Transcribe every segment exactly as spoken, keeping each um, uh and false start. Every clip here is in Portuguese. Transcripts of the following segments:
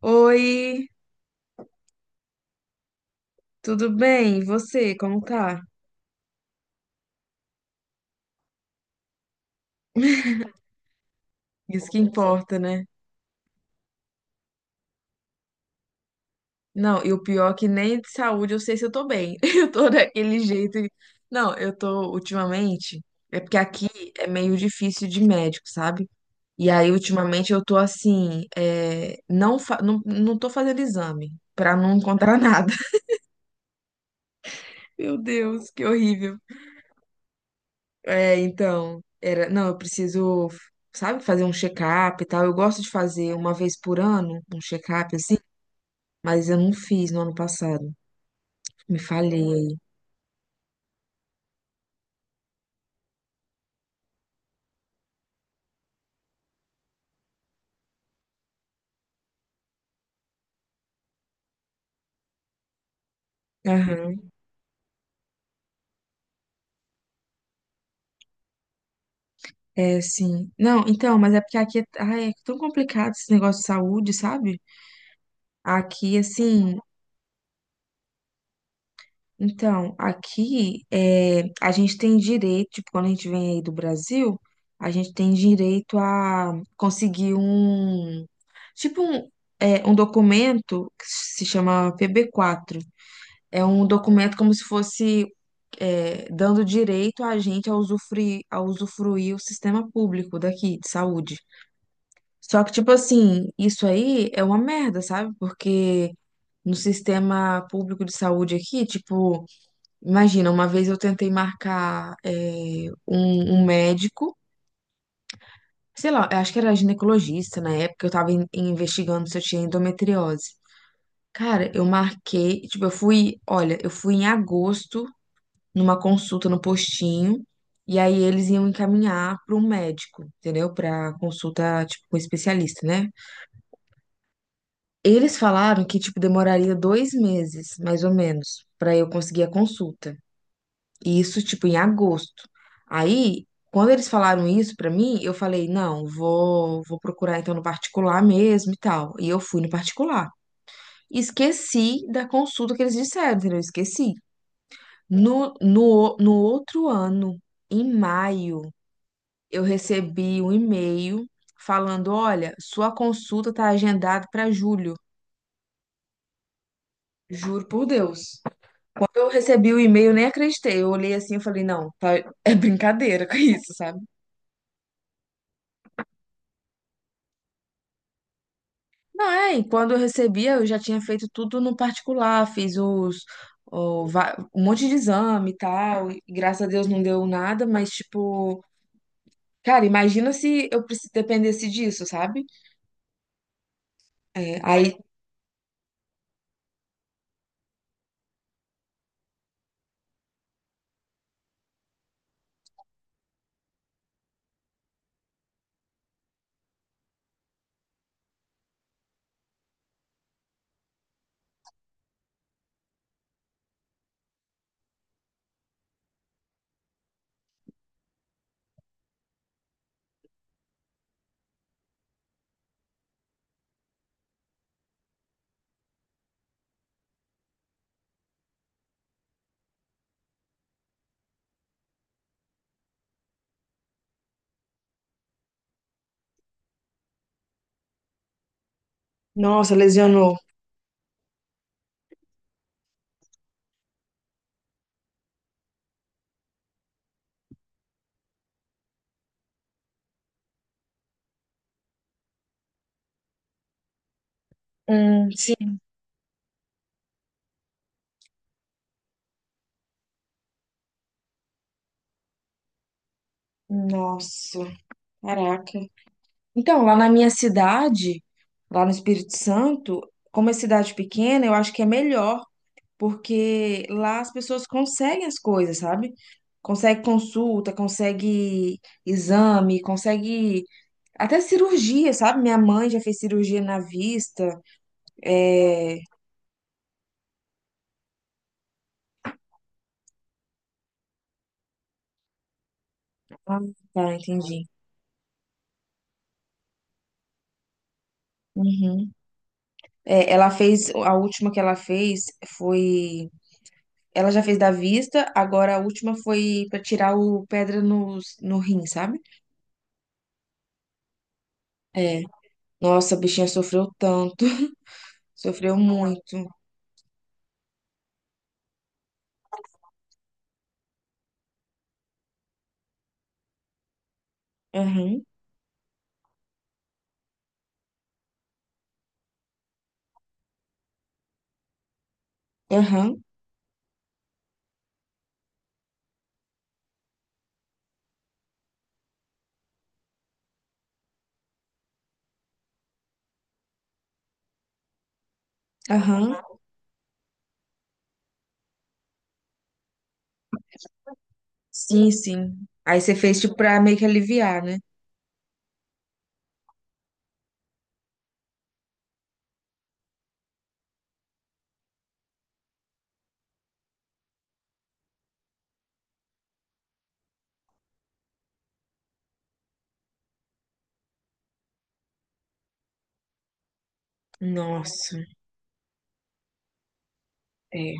Oi, tudo bem? E você, como tá? Isso que importa, né? Não, e o pior é que nem de saúde eu sei se eu tô bem. Eu tô daquele jeito. Não, eu tô ultimamente. É porque aqui é meio difícil de médico, sabe? E aí, ultimamente, eu tô assim. é, não, fa- não, não tô fazendo exame pra não encontrar nada. Meu Deus, que horrível. É, então, era, não, eu preciso, sabe, fazer um check-up e tal. Eu gosto de fazer uma vez por ano um check-up assim, mas eu não fiz no ano passado. Me falhei aí. Aham. É, sim. Não, então, mas é porque aqui é, ai, é tão complicado esse negócio de saúde, sabe? Aqui, assim, então, aqui é, a gente tem direito, tipo, quando a gente vem aí do Brasil, a gente tem direito a conseguir um, tipo, um, é, um documento que se chama pb quatro. É um documento como se fosse, é, dando direito a gente a usufruir, a usufruir o sistema público daqui, de saúde. Só que, tipo assim, isso aí é uma merda, sabe? Porque no sistema público de saúde aqui, tipo. Imagina, uma vez eu tentei marcar eh, um, um médico, sei lá, eu acho que era ginecologista na época, eu tava in- investigando se eu tinha endometriose. Cara, eu marquei, tipo, eu fui, olha, eu fui em agosto numa consulta no postinho, e aí eles iam encaminhar para um médico, entendeu? Para consulta, tipo, com um especialista, né? Eles falaram que, tipo, demoraria dois meses, mais ou menos, para eu conseguir a consulta. Isso, tipo, em agosto. Aí, quando eles falaram isso pra mim, eu falei, não, vou, vou procurar então no particular mesmo e tal. E eu fui no particular. Esqueci da consulta que eles disseram, entendeu? Esqueci. No, no, no outro ano, em maio, eu recebi um e-mail falando, olha, sua consulta tá agendada pra julho. Juro por Deus. Quando eu recebi o e-mail, eu nem acreditei. Eu olhei assim e falei, não, tá- é brincadeira com isso, sabe? Não, é, e quando eu recebia, eu já tinha feito tudo no particular, fiz os, o va- um monte de exame e tal, e graças a Deus não deu nada, mas tipo, cara, imagina se eu preci- dependesse disso, sabe? É, aí, nossa, lesionou. Hum, sim, nossa, caraca. Então, lá na minha cidade, lá no Espírito Santo, como é cidade pequena, eu acho que é melhor porque lá as pessoas conseguem as coisas, sabe? Consegue consulta, consegue exame, consegue até cirurgia, sabe? Minha mãe já fez cirurgia na vista. É... Ah, tá, entendi. Uhum. É, ela fez, a última que ela fez foi. Ela já fez da vista, agora a última foi pra tirar o pedra no, no rim, sabe? É. Nossa, a bichinha sofreu tanto. Sofreu muito. Aham, aham, aham. Sim, sim, aí você fez tipo pra meio que aliviar, né? Nossa, é.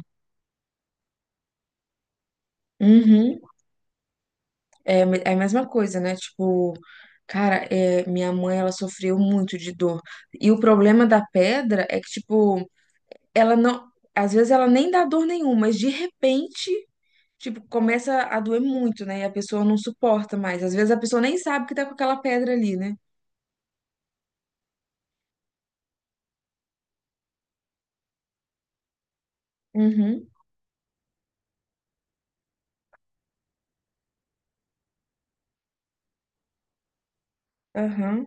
Uhum. É, me- é a mesma coisa, né? Tipo, cara, é, minha mãe, ela sofreu muito de dor. E o problema da pedra é que, tipo, ela não. Às vezes ela nem dá dor nenhuma, mas de repente, tipo, começa a doer muito, né? E a pessoa não suporta mais. Às vezes a pessoa nem sabe que tá com aquela pedra ali, né? Uhum. Aham.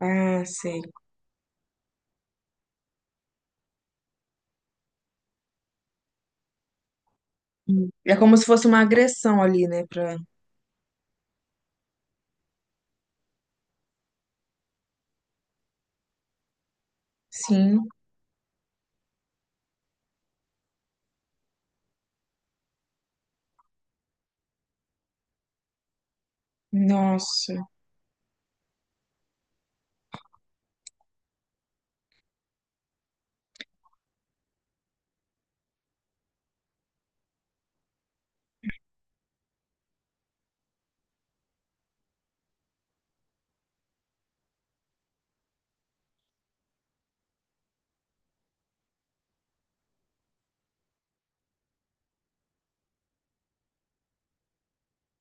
Ah, sei. Hum. É como se fosse uma agressão ali, né? Pra... Sim. Nossa,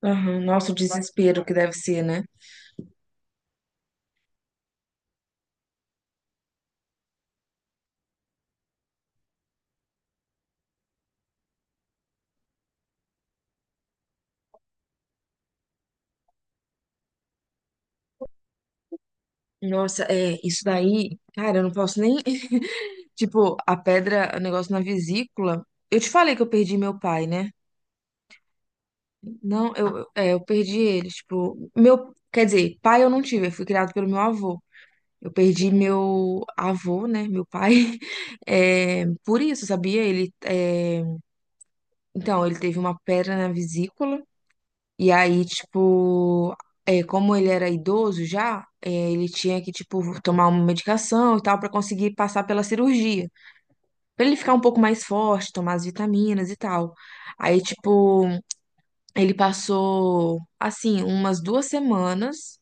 aham, nossa, o desespero que deve ser, né? Nossa, é, isso daí, cara, eu não posso nem. Tipo, a pedra, o negócio na vesícula. Eu te falei que eu perdi meu pai, né? Não, eu, eu- é, eu perdi ele. Tipo, meu, quer dizer, pai eu não tive, eu fui criado pelo meu avô. Eu perdi meu avô, né? Meu pai. É, por isso, sabia? Ele, é, Então, ele teve uma pedra na vesícula, e aí, tipo, é, como ele era idoso já, é, ele tinha que, tipo, tomar uma medicação e tal, pra conseguir passar pela cirurgia. Pra ele ficar um pouco mais forte, tomar as vitaminas e tal. Aí, tipo, ele passou, assim, umas duas semanas,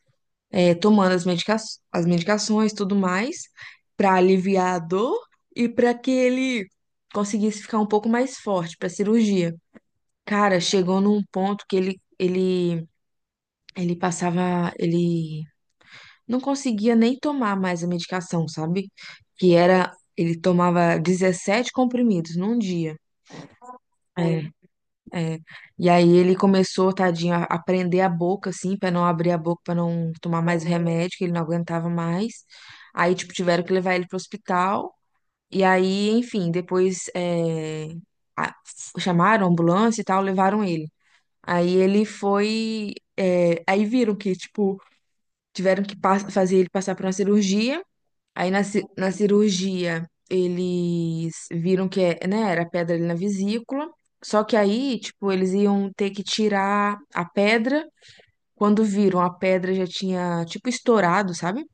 é, tomando as medica as medicações e tudo mais, pra aliviar a dor e pra que ele conseguisse ficar um pouco mais forte pra cirurgia. Cara, chegou num ponto que ele, ele, ele passava, ele não conseguia nem tomar mais a medicação, sabe? Que era, ele tomava dezessete comprimidos num dia. É, é. E aí ele começou, tadinho, a a prender a boca, assim, pra não abrir a boca, pra não tomar mais remédio, que ele não aguentava mais. Aí, tipo, tiveram que levar ele pro hospital. E aí, enfim, depois, é, a- chamaram a ambulância e tal, levaram ele. Aí ele foi. É, aí viram que, tipo, tiveram que pa- fazer ele passar por uma cirurgia. Aí na, ci- na cirurgia eles viram que é, né, era pedra ali na vesícula. Só que aí, tipo, eles iam ter que tirar a pedra. Quando viram, a pedra já tinha, tipo, estourado, sabe?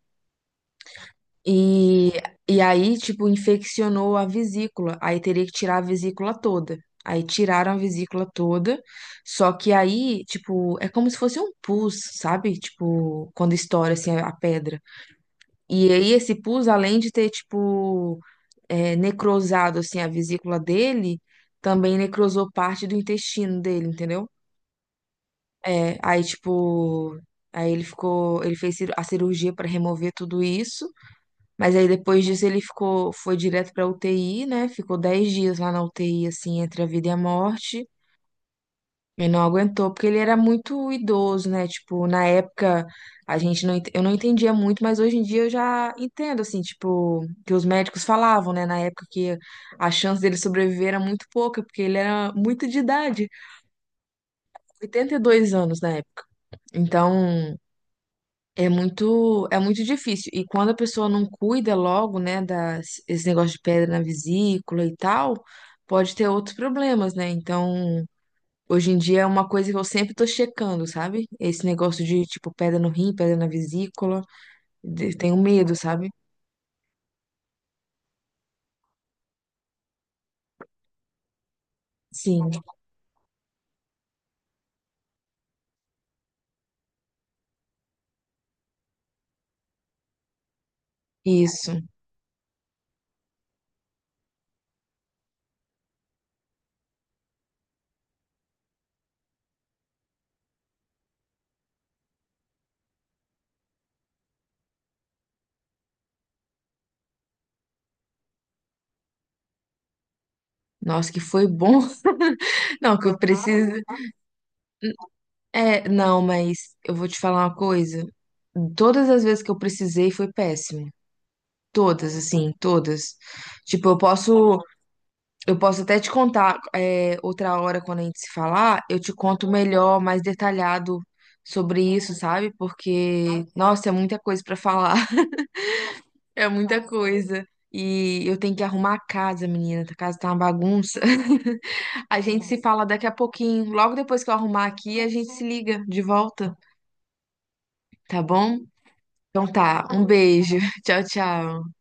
E, e aí, tipo, infeccionou a vesícula. Aí teria que tirar a vesícula toda. Aí tiraram a vesícula toda. Só que aí, tipo, é como se fosse um pus, sabe? Tipo, quando estoura assim a a pedra. E aí, esse pus, além de ter, tipo, é, necrosado assim a vesícula dele, também necrosou parte do intestino dele, entendeu? É, aí, tipo, aí ele ficou, ele fez cir- a cirurgia para remover tudo isso. Mas aí depois disso ele ficou, foi direto pra U T I, né? Ficou dez dias lá na U T I, assim, entre a vida e a morte. E não aguentou, porque ele era muito idoso, né? Tipo, na época a gente não, ent- eu não entendia muito, mas hoje em dia eu já entendo, assim, tipo, que os médicos falavam, né? Na época que a chance dele sobreviver era muito pouca, porque ele era muito de idade, oitenta e dois anos na época. Então, é muito, é muito difícil. E quando a pessoa não cuida logo, né, das, esse negócio de pedra na vesícula e tal, pode ter outros problemas, né? Então, hoje em dia é uma coisa que eu sempre tô checando, sabe? Esse negócio de, tipo, pedra no rim, pedra na vesícula. de- Tenho medo, sabe? Sim, isso. Nossa, que foi bom. Não, que eu preciso. É, não, mas eu vou te falar uma coisa. Todas as vezes que eu precisei foi péssimo. Todas, assim, todas. Tipo, eu posso, eu posso até te contar, é, outra hora quando a gente se falar, eu te conto melhor, mais detalhado sobre isso, sabe? Porque, nossa, é muita coisa pra falar, é muita coisa. E eu tenho que arrumar a casa, menina, a casa tá uma bagunça. A gente se fala daqui a pouquinho, logo depois que eu arrumar aqui, a gente se liga de volta, tá bom? Então tá, um beijo. Tchau, tchau.